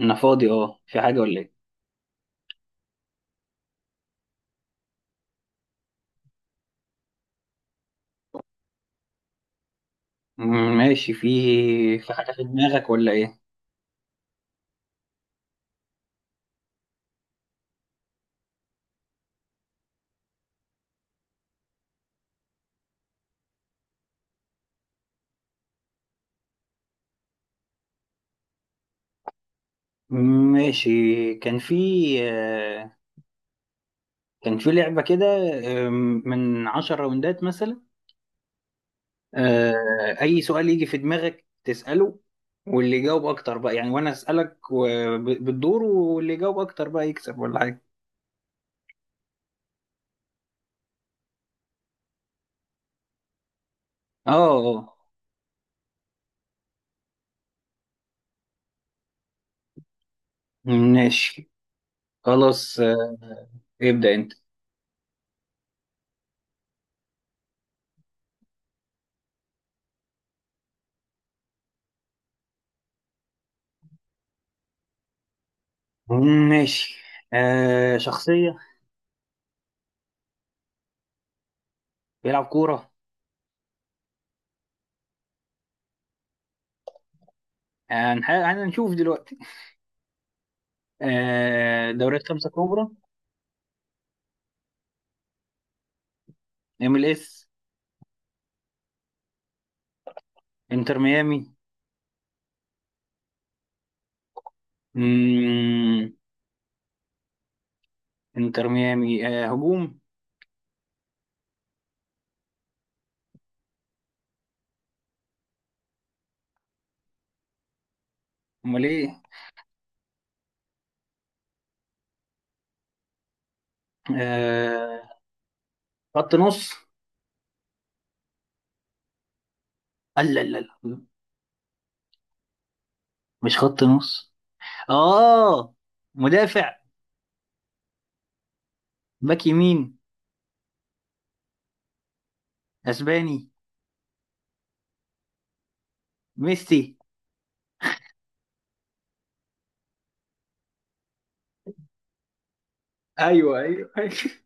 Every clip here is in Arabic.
انا فاضي. اه في حاجة ولا ايه؟ ماشي. في حاجة في دماغك ولا ايه؟ ماشي. كان في آه، كان في لعبة كده آه، من 10 راوندات مثلا. آه، اي سؤال يجي في دماغك تسأله، واللي يجاوب اكتر بقى يعني، وانا اسألك بالدور، واللي يجاوب اكتر بقى يكسب ولا حاجة. اه، اه. ماشي خلاص. ابدأ انت. ماشي. شخصية بيلعب كورة. هنشوف دلوقتي. دوريات خمسة كبرى. ام ال اس. انتر ميامي. مم، انتر ميامي هجوم. امال ايه؟ آه، خط نص. لا لا لا، مش خط نص. اه، مدافع، باك يمين، اسباني، ميسي. ايوه ايوه أيوة.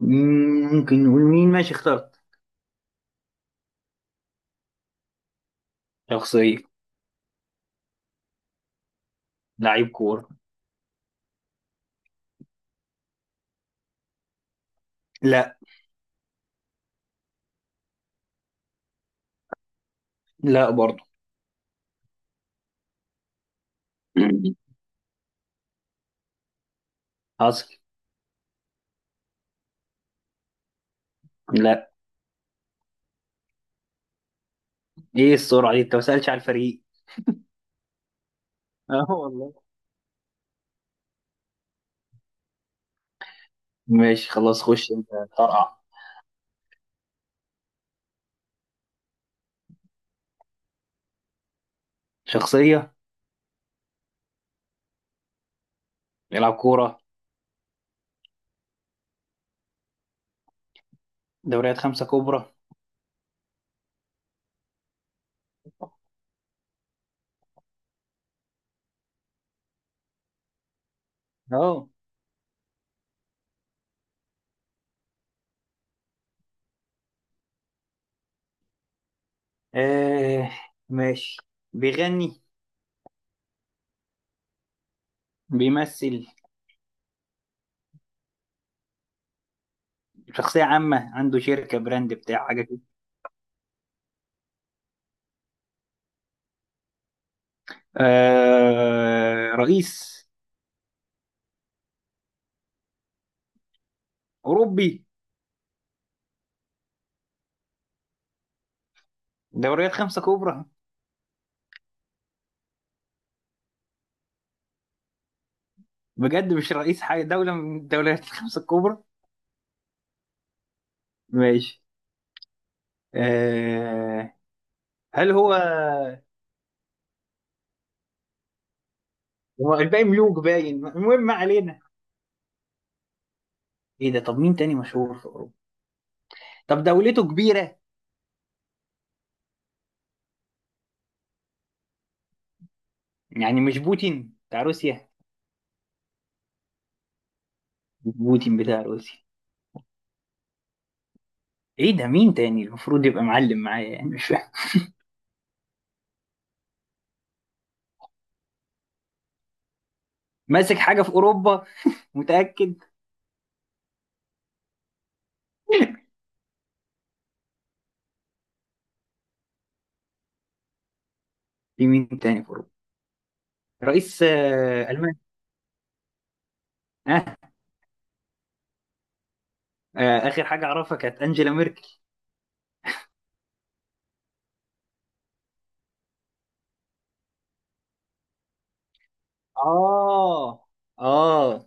ممكن نقول مين. ماشي اخترت. شخصية. لعيب كورة. لا. لا برضه. حصل. لا. ايه السرعة دي؟ انت ما سألتش على الفريق. اه والله. ماشي خلاص، خش انت. طرقع. شخصية. بيلعب كورة. دوريات خمسة كبرى. اهو. آه. ماشي. بيغني. بيمثل. شخصية عامة، عنده شركة براند بتاع حاجة كده. آه، رئيس. أوروبي. دوريات خمسة كبرى. بجد مش رئيس حاجة، دولة من الدوريات الخمسة الكبرى. ماشي. آه. هل هو، هو الباقي ملوك باين؟ المهم، ما علينا. ايه ده؟ طب مين تاني مشهور في أوروبا؟ طب دولته كبيرة؟ يعني مش بوتين بتاع روسيا؟ بوتين بتاع روسيا. ايه ده؟ مين تاني المفروض يبقى معلم معايا؟ يعني مش فاهم. ماسك حاجة في اوروبا؟ متأكد؟ في مين تاني في اوروبا؟ رئيس المانيا. آه. آه. اخر حاجة اعرفها كانت انجيلا ميركل. اه، اه.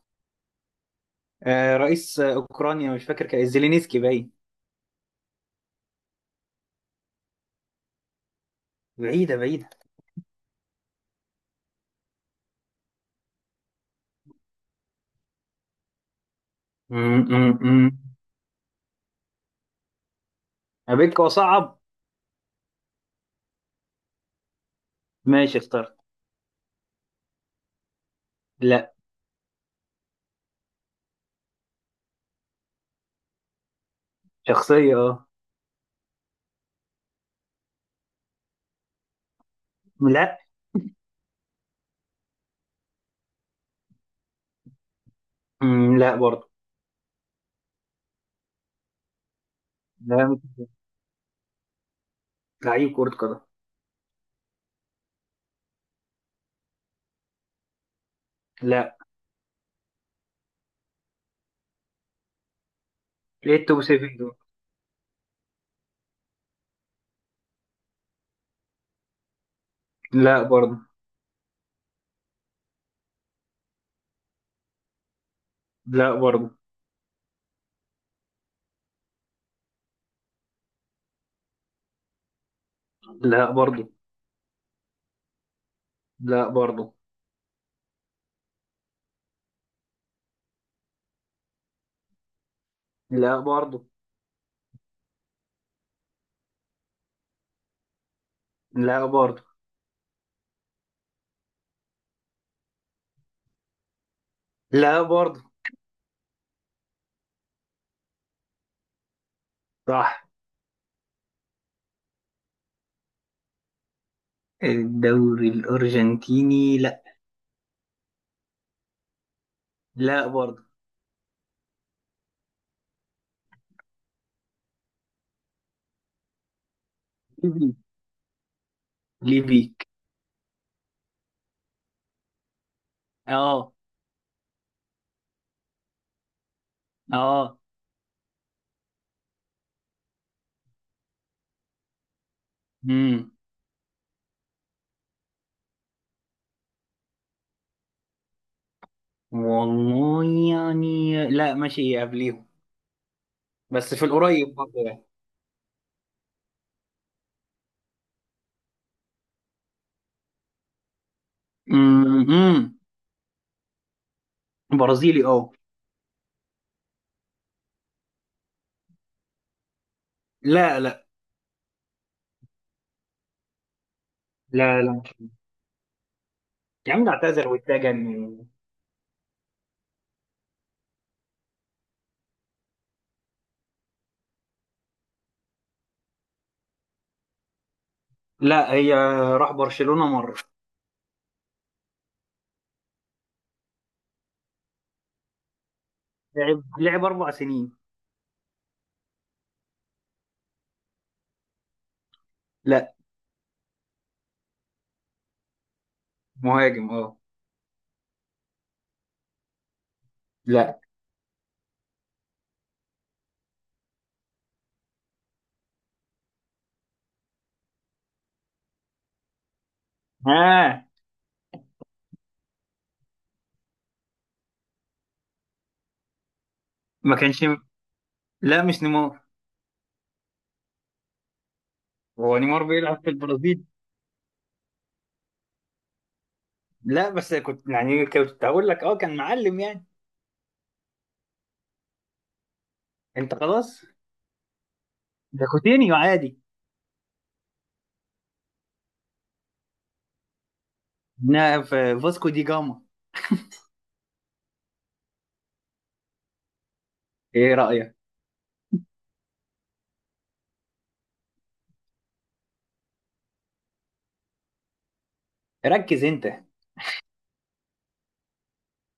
رئيس اوكرانيا. مش فاكر، كان زيلينسكي باين. بعيدة. امم، ابيك وصعب. ماشي اخترت. لا. شخصية، اه. لا. لا برضه. لا، لعيب كرة قدم. لا. ايه التوب 7 دول؟ لا برضه. لا برضه. لا برضه. لا برضه. لا برضه. لا برضه. لا برضه. صح. الدوري الأرجنتيني، لا. لا برضه. ليبيك. ليبيك. اه. اه. امم. والله. يعني لا، ماشي قبليهم. بس في القريب برضه يعني. امم. برازيلي، اه. لا. لا. يا عم ده اعتذر واتجن. لا، هي راح برشلونة مرة. لعب 4 سنين. لا. مهاجم، اه. لا. ها. ما كانش. لا مش نيمار. هو نيمار بيلعب في البرازيل؟ لا، بس كنت يعني كنت هقول لك اه، كان معلم يعني. انت خلاص. ده كوتينيو عادي. في فاسكو دي جاما. ايه رأيك؟ ركز انت.